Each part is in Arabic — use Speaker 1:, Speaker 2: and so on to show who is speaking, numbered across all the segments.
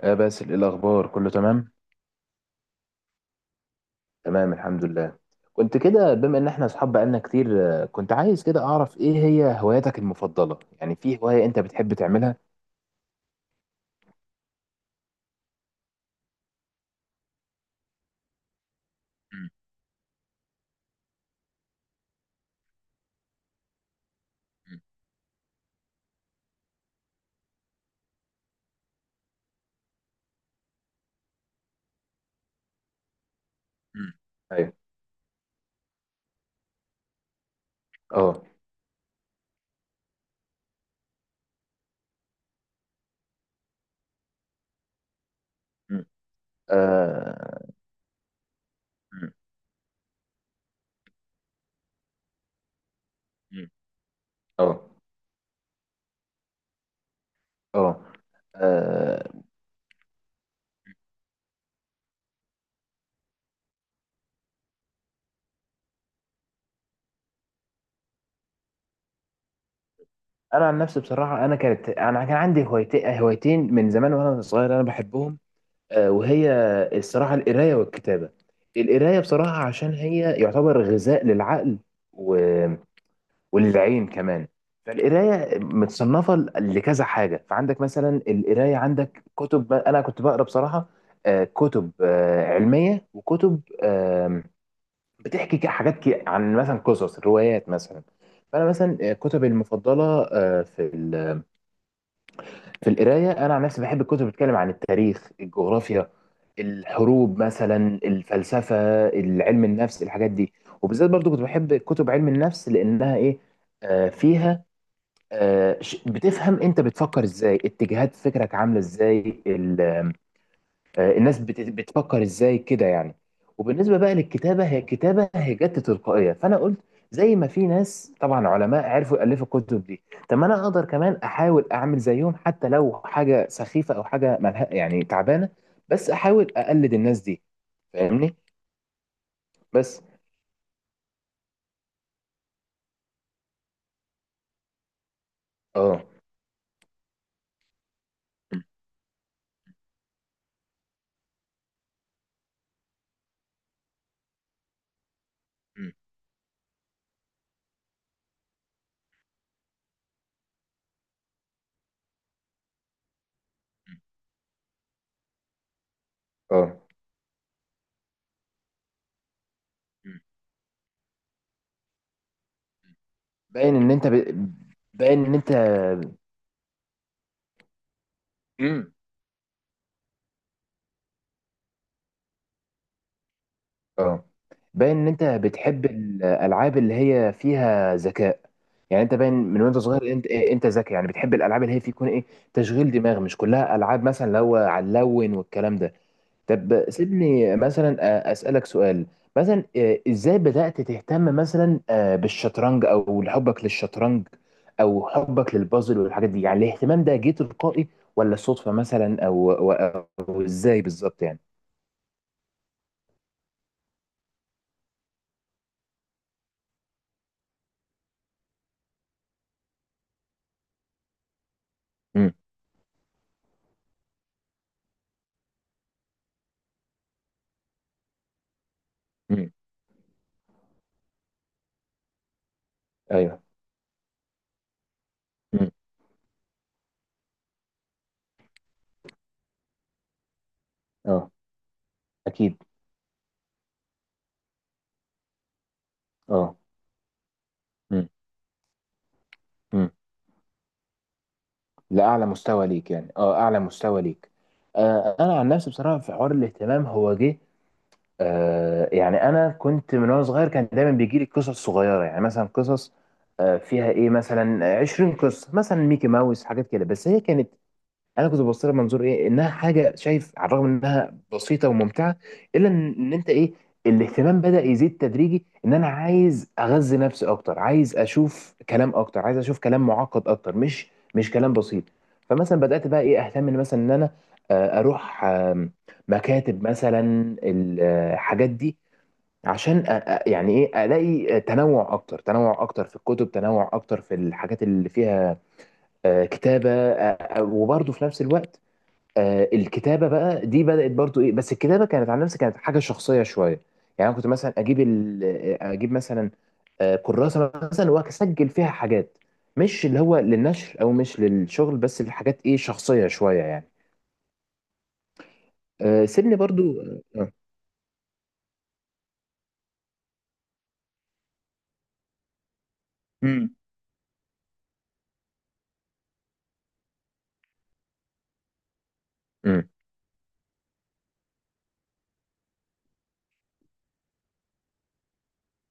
Speaker 1: باسل، ايه الاخبار؟ كله تمام، تمام، الحمد لله. كنت كده، بما ان احنا اصحاب بقالنا كتير، كنت عايز كده اعرف ايه هي هواياتك المفضله، يعني في هوايه انت بتحب تعملها؟ مم. مم. مم. ايوه. اه. مم. اه. مم. مم. اه. اه. آه، انا عن نفسي بصراحه، انا كان عندي هوايتين هوايتين من زمان وانا صغير، انا بحبهم. وهي الصراحه: القرايه والكتابه. القرايه بصراحه، عشان هي يعتبر غذاء للعقل والعين كمان. فالقرايه متصنفه لكذا حاجه. فعندك مثلا القرايه، عندك كتب انا كنت بقرا بصراحه كتب علميه، وكتب بتحكي حاجات عن مثلا قصص، روايات مثلا. فانا مثلا كتبي المفضله آه، في ال- في القرايه، انا عن نفسي بحب الكتب بتتكلم عن التاريخ، الجغرافيا، الحروب مثلا، الفلسفه، علم النفس، الحاجات دي. وبالذات برضو كنت بحب كتب علم النفس لانها ايه، فيها بتفهم انت بتفكر ازاي، اتجاهات فكرك عامله ازاي، الناس بتفكر ازاي كده يعني. وبالنسبه بقى للكتابه، الكتابه هي جت تلقائيه، فانا قلت: زي ما في ناس طبعا علماء عرفوا يالفوا الكتب دي، طب ما انا اقدر كمان احاول اعمل زيهم، حتى لو حاجه سخيفه او حاجه ملها يعني تعبانه، بس احاول اقلد الناس دي. فاهمني؟ بس. اه. م- م- اه. م. باين ان انت ب... باين ان انت مم. اه. باين ان انت بتحب الالعاب اللي هي فيها ذكاء. يعني انت باين من وانت صغير، انت إيه، انت ذكي، يعني بتحب الالعاب اللي هي في يكون ايه تشغيل دماغ، مش كلها العاب مثلا اللي هو على اللون والكلام ده. طب سيبني مثلا اسالك سؤال. مثلا ازاي بدات تهتم مثلا بالشطرنج، او حبك للشطرنج او حبك للبازل والحاجات دي، يعني الاهتمام ده جه تلقائي ولا صدفه مثلا، او او أو ازاي بالظبط يعني؟ امم. امم. ايوه. امم. اه. اكيد. اه. مم. مم. لاعلى مستوى ليك، يعني اه اعلى مستوى ليك. انا عن نفسي بصراحه، في حوار الاهتمام هو جه. يعني انا كنت من وانا صغير كان دايما بيجي لي قصص صغيره، يعني مثلا قصص فيها ايه، مثلا 20 قصه، مثلا ميكي ماوس، حاجات كده، بس هي كانت... انا كنت ببص لها منظور ايه، انها حاجه شايف على الرغم انها بسيطه وممتعه، الا إن انت ايه، الاهتمام بدأ يزيد تدريجي، ان انا عايز اغذي نفسي اكتر، عايز اشوف كلام اكتر، عايز اشوف كلام معقد اكتر، مش كلام بسيط. فمثلا بدأت بقى ايه اهتم ان مثلا ان انا اروح مكاتب مثلا، الحاجات دي، عشان يعني ايه الاقي تنوع اكتر، تنوع اكتر في الكتب، تنوع اكتر في الحاجات اللي فيها كتابة وبرضه في نفس الوقت الكتابه بقى دي بدات برضو ايه، بس الكتابه كانت على نفسي، كانت حاجه شخصيه شويه يعني. انا كنت مثلا اجيب مثلا كراسه مثلا، واسجل فيها حاجات مش اللي هو للنشر او مش للشغل، بس الحاجات ايه شخصيه شويه يعني. سيبني برضو. امم. مم.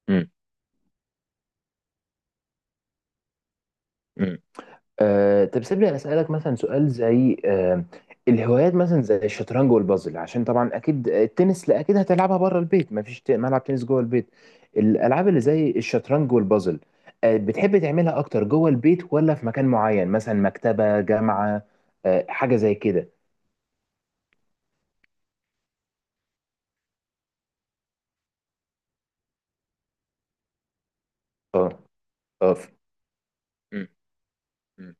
Speaker 1: مم. مم. طب سيبني أنا اسالك مثلا سؤال زي الهوايات مثلا زي الشطرنج والبازل، عشان طبعا اكيد التنس، لا اكيد هتلعبها بره البيت، مفيش ملعب تنس جوه البيت. الالعاب اللي زي الشطرنج والبازل بتحب تعملها اكتر جوه البيت، ولا في مكان معين مثلا مكتبة، جامعة، حاجة زي كده؟ اه. اه. م- م-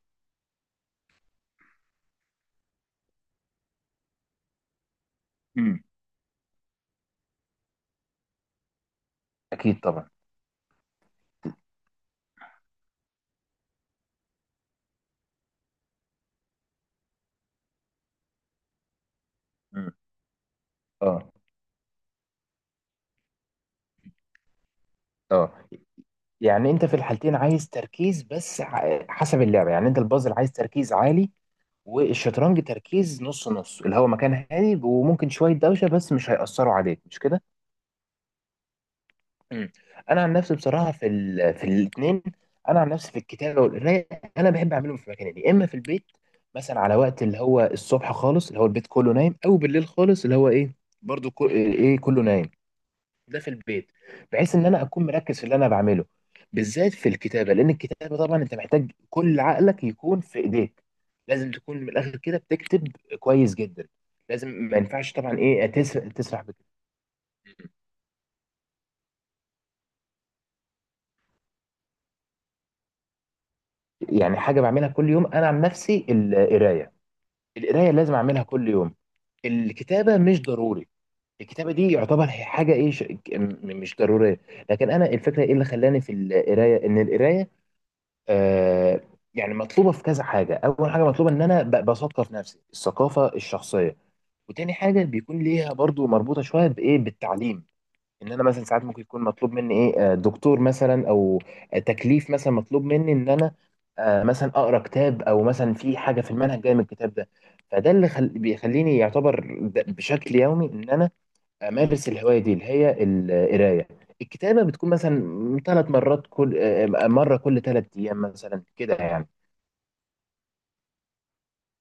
Speaker 1: مم. اكيد طبعا. مم. اه. اه. يعني انت في الحالتين عايز تركيز، بس حسب اللعبة، يعني انت البازل عايز تركيز عالي، والشطرنج تركيز نص نص، اللي هو مكان هادي وممكن شويه دوشه بس مش هيأثروا عليك، مش كده؟ مم. انا عن نفسي بصراحه في الاثنين. انا عن نفسي في الكتابه والقرايه، انا بحب اعملهم في مكانين، يا اما في البيت مثلا على وقت اللي هو الصبح خالص، اللي هو البيت كله نايم، او بالليل خالص اللي هو ايه، برضو ايه إيه، كله نايم. ده في البيت، بحيث ان انا اكون مركز في اللي انا بعمله، بالذات في الكتابه، لان الكتابه طبعا انت محتاج كل عقلك يكون في ايديك، لازم تكون من الاخر كده بتكتب كويس جدا، لازم ما ينفعش طبعا ايه تسرح بك. يعني حاجه بعملها كل يوم؟ انا عن نفسي القرايه، القرايه لازم اعملها كل يوم. الكتابه مش ضروري، الكتابه دي يعتبر هي حاجه ايه مش ضروريه. لكن انا الفكره ايه اللي خلاني في القرايه، ان القرايه آه، يعني مطلوبه في كذا حاجه، اول حاجه مطلوبه ان انا بثقف نفسي الثقافه الشخصيه، وتاني حاجه بيكون ليها برضو مربوطه شويه بايه، بالتعليم، ان انا مثلا ساعات ممكن يكون مطلوب مني ايه، دكتور مثلا او تكليف مثلا مطلوب مني ان انا مثلا اقرا كتاب، او مثلا في حاجه في المنهج جايه من الكتاب ده. فده اللي بيخليني يعتبر بشكل يومي ان انا امارس الهوايه دي اللي هي القرايه. الكتابه بتكون مثلا 3 مرات، كل مره كل 3 ايام مثلا كده يعني.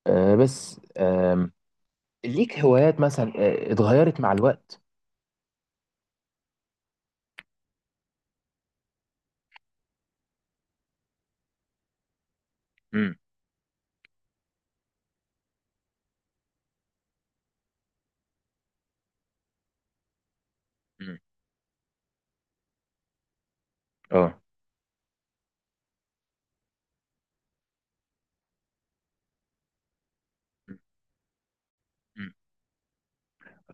Speaker 1: بس ليك هوايات مثلا اتغيرت مع الوقت؟ امم. امم. اه. مم. مم.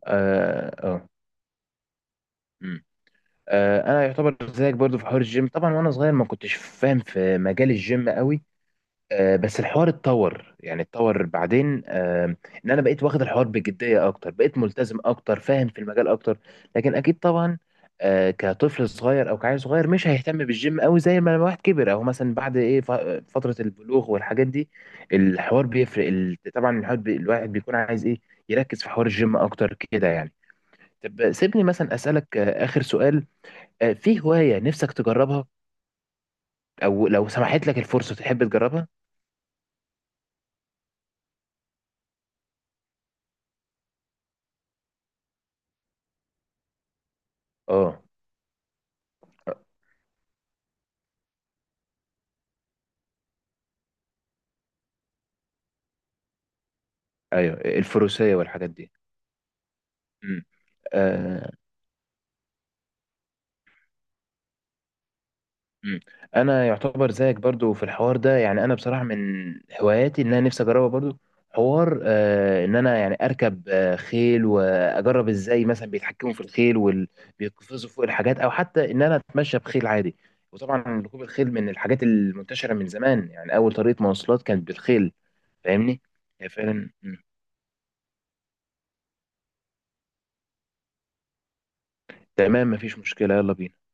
Speaker 1: اه. اه. مم. انا يعتبر زيك برضو في حوار الجيم، طبعا وانا صغير ما كنتش فاهم في مجال الجيم قوي. بس الحوار اتطور، يعني اتطور بعدين ان انا بقيت واخد الحوار بجديه اكتر، بقيت ملتزم اكتر، فاهم في المجال اكتر. لكن اكيد طبعا كطفل صغير او كعيل صغير مش هيهتم بالجيم قوي زي ما الواحد كبر، او مثلا بعد ايه فتره البلوغ والحاجات دي، الحوار بيفرق طبعا الواحد بيكون عايز ايه يركز في حوار الجيم اكتر كده يعني. طب سيبني مثلا اسالك اخر سؤال: في هوايه نفسك تجربها او لو سمحت لك الفرصه تحب تجربها؟ اه. ايوه، الفروسيه والحاجات دي. امم. آه امم. انا يعتبر زيك برضو في الحوار ده، يعني انا بصراحه من هواياتي ان انا نفسي اجربها برضو. حوار ان انا يعني اركب خيل، واجرب ازاي مثلا بيتحكموا في الخيل وبيقفزوا فوق الحاجات، او حتى ان انا اتمشى بخيل عادي. وطبعا ركوب الخيل من الحاجات المنتشره من زمان، يعني اول طريقه مواصلات كانت بالخيل. فاهمني؟ هي فعلا. مم. تمام، مفيش مشكله، يلا بينا.